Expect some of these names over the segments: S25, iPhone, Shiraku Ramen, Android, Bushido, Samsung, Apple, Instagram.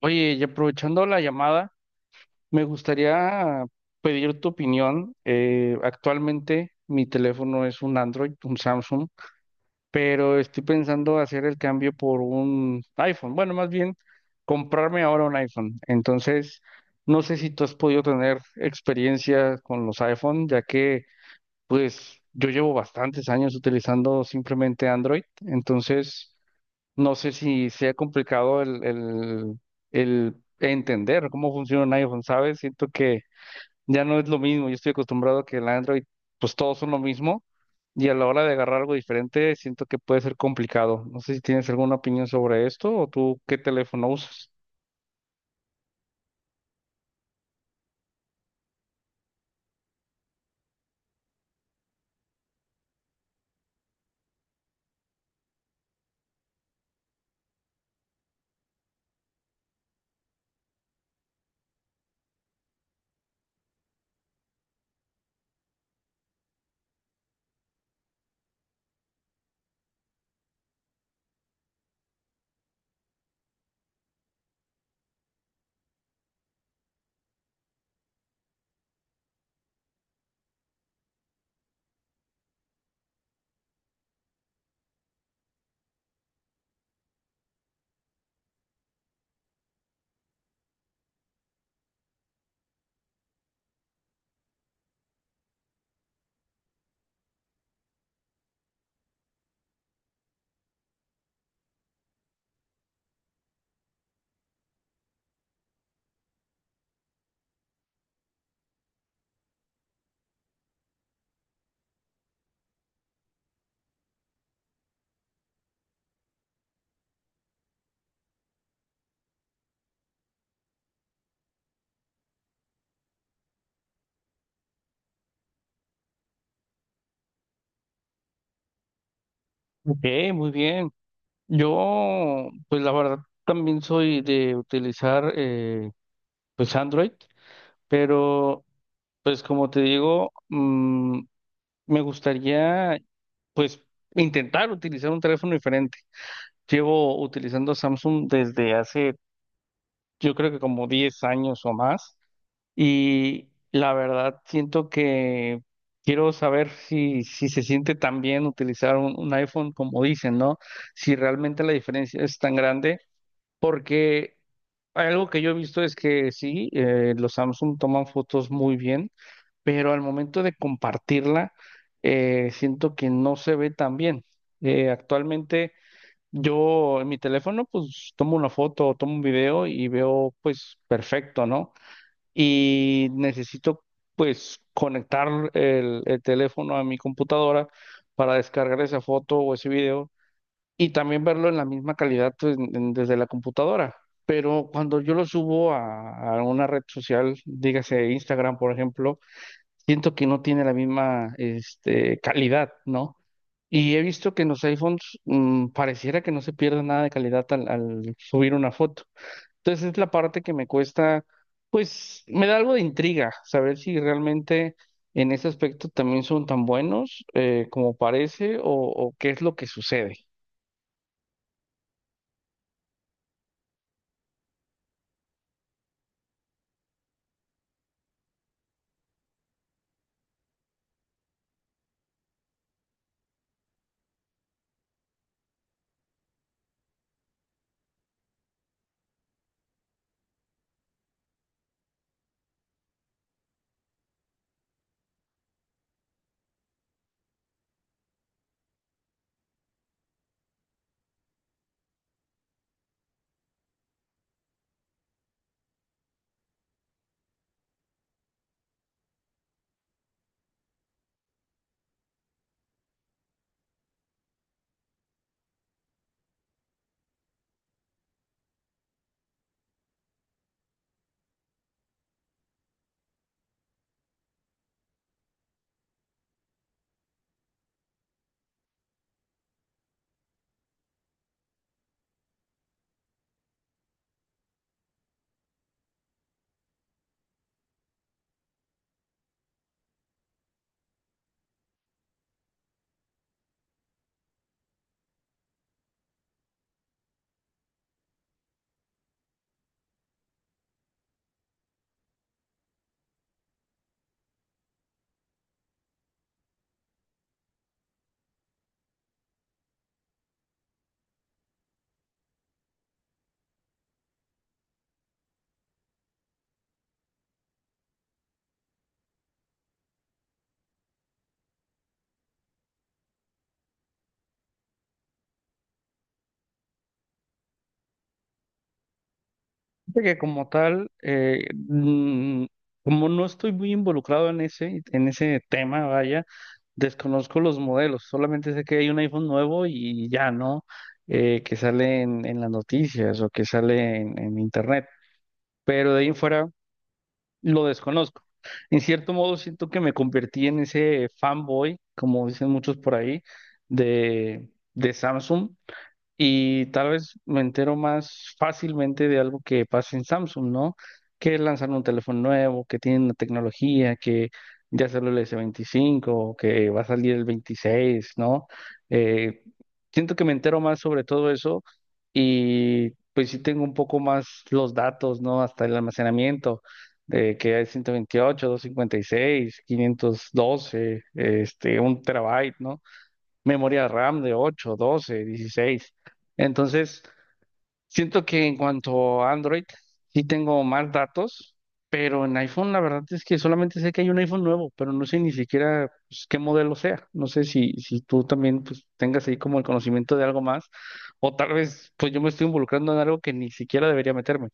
Oye, y aprovechando la llamada, me gustaría pedir tu opinión. Actualmente mi teléfono es un Android, un Samsung, pero estoy pensando hacer el cambio por un iPhone. Bueno, más bien comprarme ahora un iPhone. Entonces, no sé si tú has podido tener experiencia con los iPhone, ya que pues yo llevo bastantes años utilizando simplemente Android. Entonces... No sé si sea complicado el entender cómo funciona un iPhone, ¿sabes? Siento que ya no es lo mismo. Yo estoy acostumbrado a que el Android, pues todos son lo mismo. Y a la hora de agarrar algo diferente, siento que puede ser complicado. No sé si tienes alguna opinión sobre esto o tú qué teléfono usas. Ok, muy bien. Yo, pues la verdad, también soy de utilizar pues Android, pero pues como te digo, me gustaría, pues, intentar utilizar un teléfono diferente. Llevo utilizando Samsung desde hace, yo creo que como 10 años o más, y la verdad siento que quiero saber si se siente tan bien utilizar un iPhone como dicen, ¿no? Si realmente la diferencia es tan grande porque algo que yo he visto es que sí, los Samsung toman fotos muy bien, pero al momento de compartirla, siento que no se ve tan bien. Actualmente yo en mi teléfono pues tomo una foto o tomo un video y veo pues perfecto, ¿no? Y necesito pues conectar el teléfono a mi computadora para descargar esa foto o ese video y también verlo en la misma calidad pues, desde la computadora. Pero cuando yo lo subo a una red social, dígase Instagram, por ejemplo, siento que no tiene la misma este, calidad, ¿no? Y he visto que en los iPhones pareciera que no se pierde nada de calidad al subir una foto. Entonces es la parte que me cuesta, pues me da algo de intriga saber si realmente en ese aspecto también son tan buenos como parece o qué es lo que sucede. Fíjate que como tal, como no estoy muy involucrado en en ese tema, vaya, desconozco los modelos, solamente sé que hay un iPhone nuevo y ya, ¿no? Que sale en las noticias o que sale en internet, pero de ahí en fuera lo desconozco. En cierto modo siento que me convertí en ese fanboy, como dicen muchos por ahí, de, de Samsung y tal vez me entero más fácilmente de algo que pasa en Samsung, ¿no? Que lanzan un teléfono nuevo, que tienen la tecnología, que ya salió el S25, que va a salir el 26, ¿no? Eh, Siento que me entero más sobre todo eso y pues sí tengo un poco más los datos, ¿no? Hasta el almacenamiento, de que hay 128, 256, 512, este, un terabyte, ¿no? Memoria RAM de 8, 12, 16. Entonces, siento que en cuanto a Android, sí tengo más datos, pero en iPhone la verdad es que solamente sé que hay un iPhone nuevo, pero no sé ni siquiera pues, qué modelo sea. No sé si tú también pues, tengas ahí como el conocimiento de algo más, o tal vez pues yo me estoy involucrando en algo que ni siquiera debería meterme.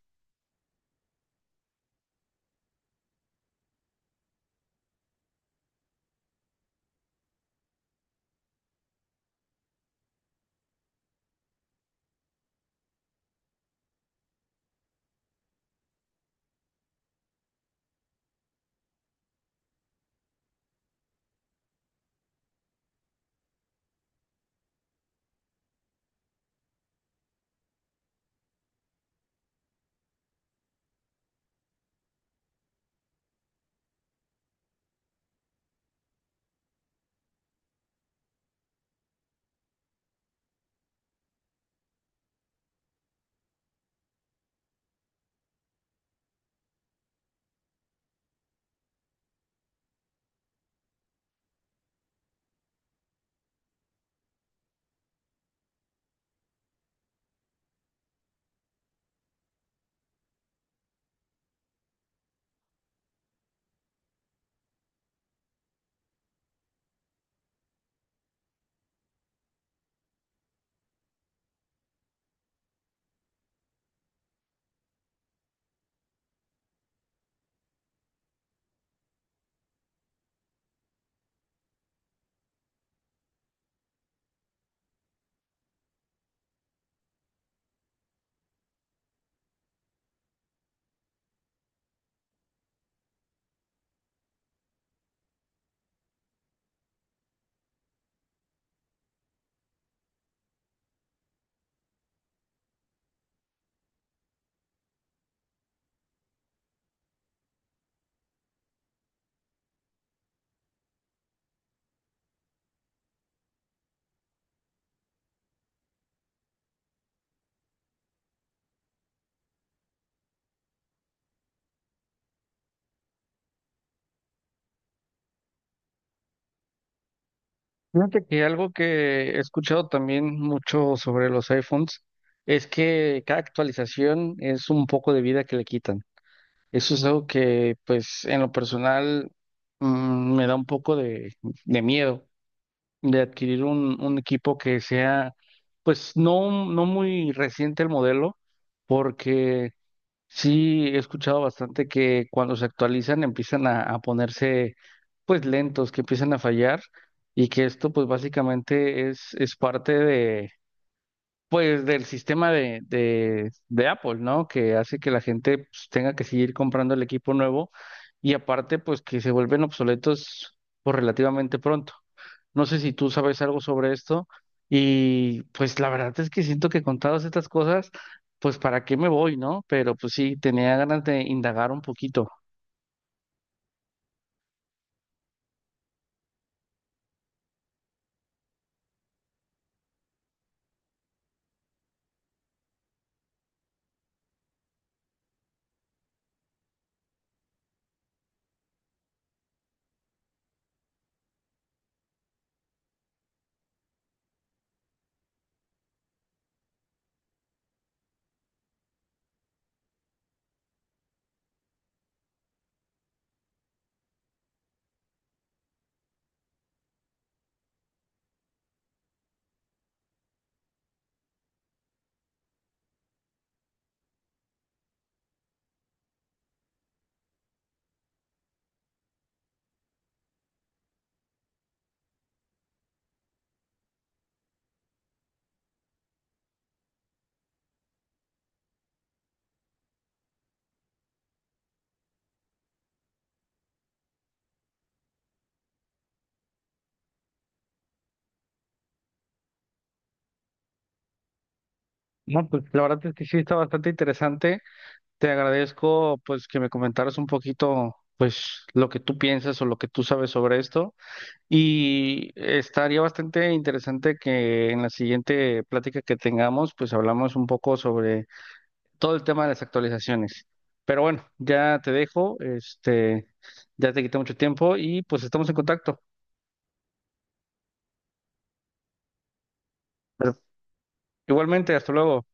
Fíjate que algo que he escuchado también mucho sobre los iPhones es que cada actualización es un poco de vida que le quitan. Eso es algo que, pues, en lo personal, me da un poco de miedo de adquirir un equipo que sea, pues, no muy reciente el modelo, porque sí he escuchado bastante que cuando se actualizan empiezan a ponerse, pues, lentos, que empiezan a fallar, y que esto, pues, básicamente es parte pues del sistema de Apple, ¿no? Que hace que la gente pues, tenga que seguir comprando el equipo nuevo y aparte, pues que se vuelven obsoletos por relativamente pronto. No sé si tú sabes algo sobre esto y pues la verdad es que siento que con todas estas cosas, pues para qué me voy, ¿no? Pero pues sí, tenía ganas de indagar un poquito. No, pues la verdad es que sí está bastante interesante. Te agradezco pues que me comentaras un poquito pues lo que tú piensas o lo que tú sabes sobre esto. Y estaría bastante interesante que en la siguiente plática que tengamos, pues hablamos un poco sobre todo el tema de las actualizaciones. Pero bueno, ya te dejo, este, ya te quité mucho tiempo y pues estamos en contacto. Pero igualmente, hasta luego.